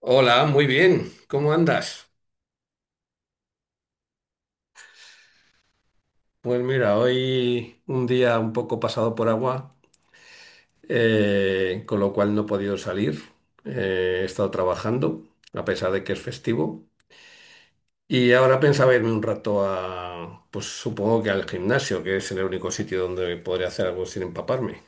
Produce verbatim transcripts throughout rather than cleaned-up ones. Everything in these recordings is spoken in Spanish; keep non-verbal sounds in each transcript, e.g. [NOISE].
Hola, muy bien. ¿Cómo andas? Pues mira, hoy un día un poco pasado por agua, eh, con lo cual no he podido salir. Eh, he estado trabajando, a pesar de que es festivo. Y ahora pensaba irme un rato a, pues supongo que al gimnasio, que es el único sitio donde podré hacer algo sin empaparme.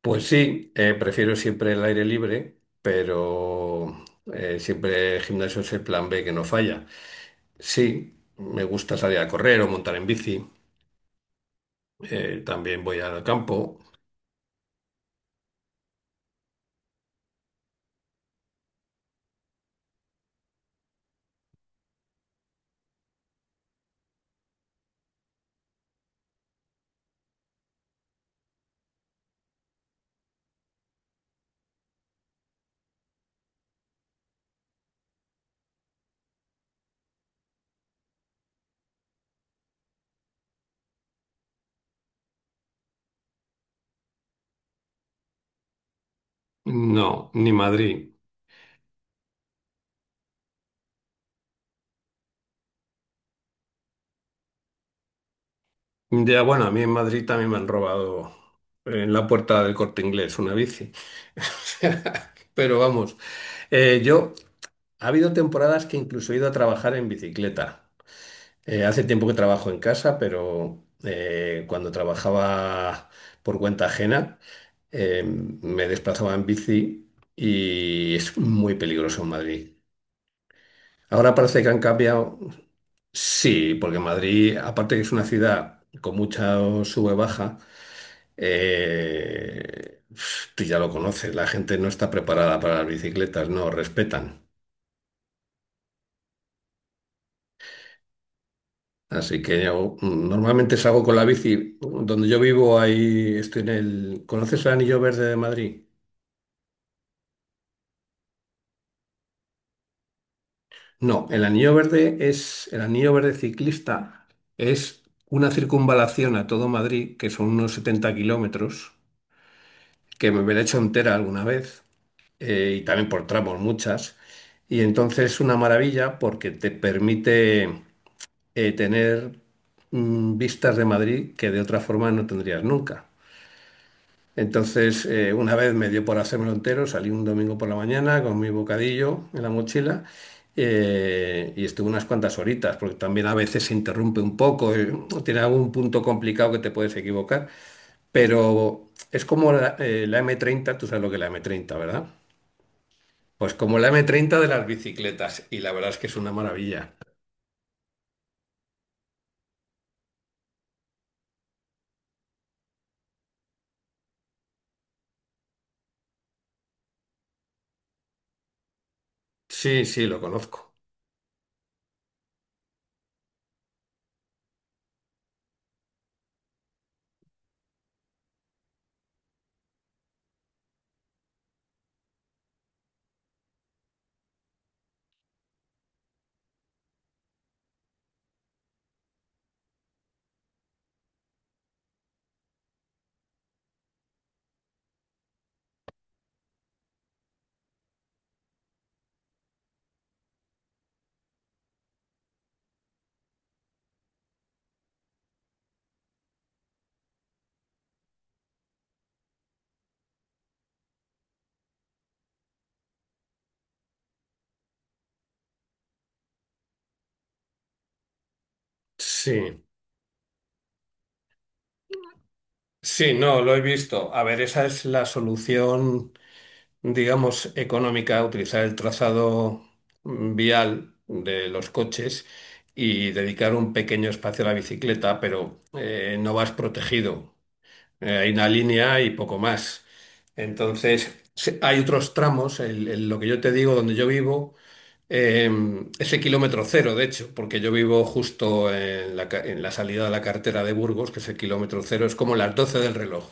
Pues sí, eh, prefiero siempre el aire libre, pero eh, siempre el gimnasio es el plan B que no falla. Sí, me gusta salir a correr o montar en bici. Eh, también voy al campo. No, ni Madrid. Ya, bueno, a mí en Madrid también me han robado en la puerta del Corte Inglés una bici. [LAUGHS] O sea, pero vamos, eh, yo ha habido temporadas que incluso he ido a trabajar en bicicleta. Eh, hace tiempo que trabajo en casa, pero eh, cuando trabajaba por cuenta ajena, eh, me desplazaba en bici y es muy peligroso en Madrid. Ahora parece que han cambiado. Sí, porque Madrid, aparte que es una ciudad con mucha sube-baja, eh, tú ya lo conoces, la gente no está preparada para las bicicletas, no respetan. Así que yo mm, normalmente salgo con la bici. Donde yo vivo, ahí estoy en el... ¿Conoces el Anillo Verde de Madrid? No, el Anillo Verde es el Anillo Verde ciclista, es una circunvalación a todo Madrid, que son unos setenta kilómetros, que me la he hecho entera alguna vez, eh, y también por tramos muchas. Y entonces es una maravilla porque te permite eh, tener mm, vistas de Madrid que de otra forma no tendrías nunca. Entonces, eh, una vez me dio por hacérmelo entero, salí un domingo por la mañana con mi bocadillo en la mochila, eh, y estuve unas cuantas horitas, porque también a veces se interrumpe un poco, eh, tiene algún punto complicado que te puedes equivocar, pero es como la, eh, la m treinta, tú sabes lo que es la m treinta, ¿verdad? Pues como la m treinta de las bicicletas, y la verdad es que es una maravilla. Sí, sí, lo conozco. Sí, sí, no, lo he visto. A ver, esa es la solución, digamos, económica, utilizar el trazado mm, vial de los coches y dedicar un pequeño espacio a la bicicleta, pero eh, no vas protegido. Eh, hay una línea y poco más. Entonces, sí, hay otros tramos, el- el- lo que yo te digo, donde yo vivo. Eh, es el kilómetro cero, de hecho, porque yo vivo justo en la, ca- en la salida de la carretera de Burgos, que es el kilómetro cero, es como las doce del reloj,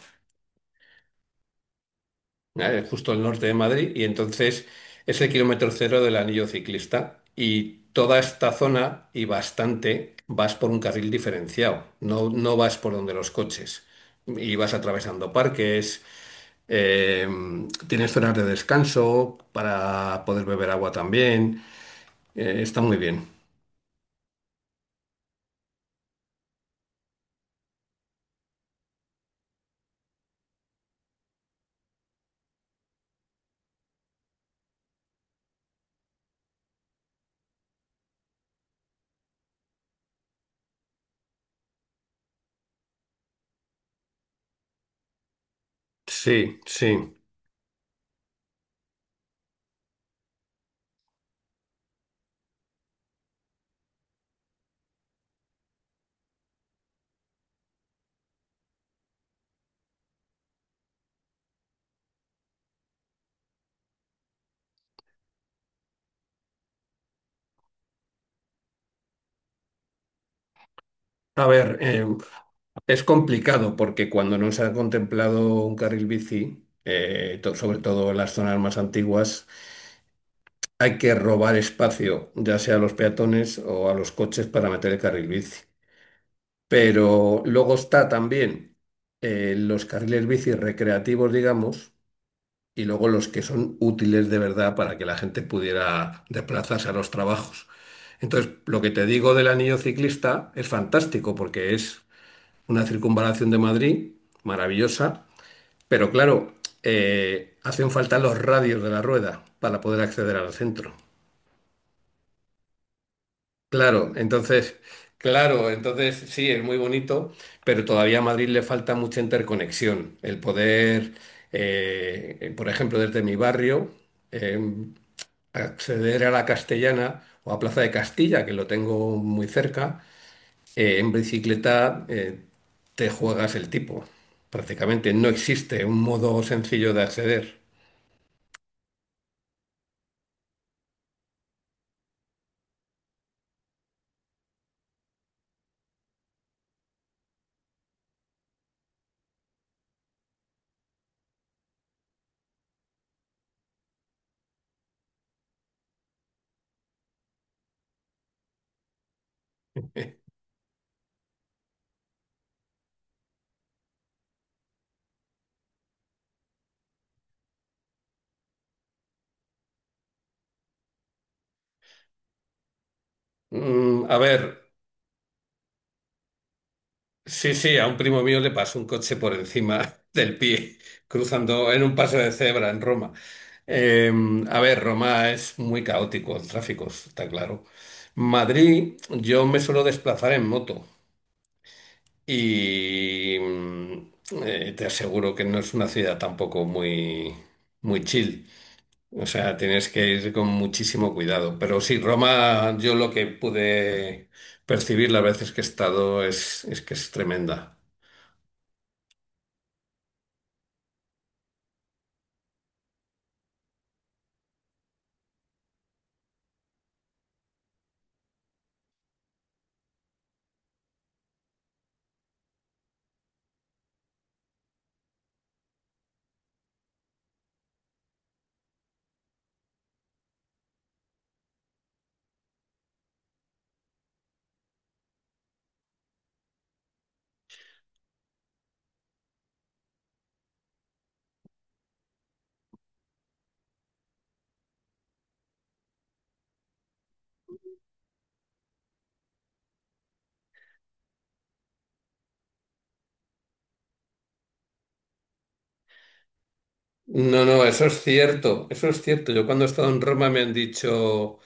¿vale? Justo al norte de Madrid, y entonces es el kilómetro cero del anillo ciclista. Y toda esta zona y bastante vas por un carril diferenciado, no, no vas por donde los coches, y vas atravesando parques. Eh, Tienes zonas de descanso para poder beber agua también. Eh, está muy bien. Sí, sí. A ver, eh, es complicado porque cuando no se ha contemplado un carril bici, eh, to- sobre todo en las zonas más antiguas, hay que robar espacio, ya sea a los peatones o a los coches para meter el carril bici. Pero luego está también eh, los carriles bici recreativos, digamos, y luego los que son útiles de verdad para que la gente pudiera desplazarse a los trabajos. Entonces, lo que te digo del anillo ciclista es fantástico porque es una circunvalación de Madrid, maravillosa, pero claro, eh, hacen falta los radios de la rueda para poder acceder al centro. Claro, entonces, claro, entonces sí, es muy bonito, pero todavía a Madrid le falta mucha interconexión. El poder, eh, por ejemplo, desde mi barrio, eh, acceder a la Castellana o a Plaza de Castilla, que lo tengo muy cerca. Eh, en bicicleta eh, te juegas el tipo. Prácticamente no existe un modo sencillo de acceder. Mm, a ver, sí, sí, a un primo mío le pasó un coche por encima [LAUGHS] del pie, cruzando en un paso de cebra en Roma. Eh, a ver, Roma es muy caótico el tráfico, está claro. Madrid, yo me suelo desplazar en moto y mm, eh, te aseguro que no es una ciudad tampoco muy, muy chill. O sea, tienes que ir con muchísimo cuidado. Pero sí, Roma, yo lo que pude percibir las veces que he estado es, es que es tremenda. No, no, eso es cierto, eso es cierto. Yo cuando he estado en Roma me han dicho...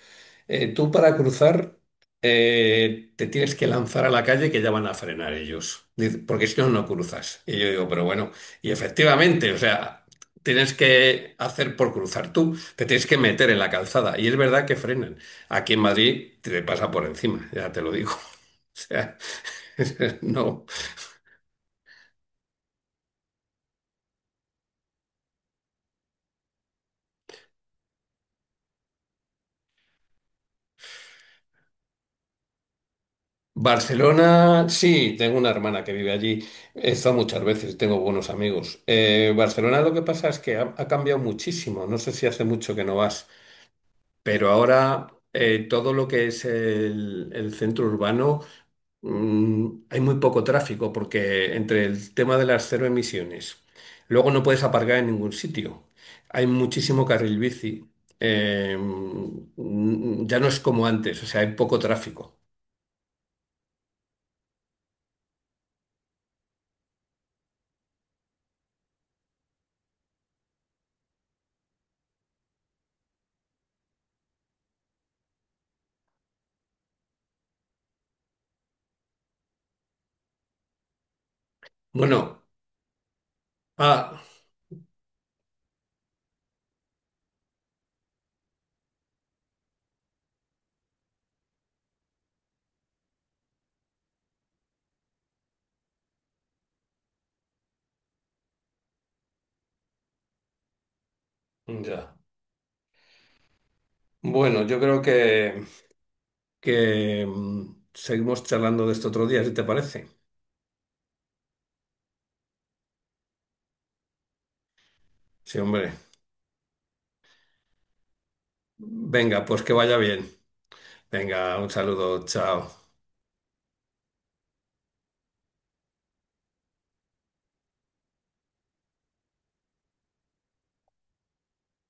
Eh, tú para cruzar, eh, te tienes que lanzar a la calle que ya van a frenar ellos, dice, porque si no, no cruzas. Y yo digo, pero bueno, y efectivamente, o sea, tienes que hacer por cruzar tú, te tienes que meter en la calzada. Y es verdad que frenan. Aquí en Madrid te pasa por encima, ya te lo digo. [LAUGHS] O sea, [LAUGHS] no. Barcelona, sí, tengo una hermana que vive allí. He estado muchas veces, tengo buenos amigos. Eh, Barcelona, lo que pasa es que ha, ha cambiado muchísimo. No sé si hace mucho que no vas, pero ahora eh, todo lo que es el, el centro urbano, mm, hay muy poco tráfico porque entre el tema de las cero emisiones, luego no puedes aparcar en ningún sitio. Hay muchísimo carril bici. Eh, mm, ya no es como antes, o sea, hay poco tráfico. Bueno, ah. Ya. Bueno, yo creo que, que mm, seguimos charlando de esto otro día, si te parece. Sí, hombre. Venga, pues que vaya bien. Venga, un saludo, chao.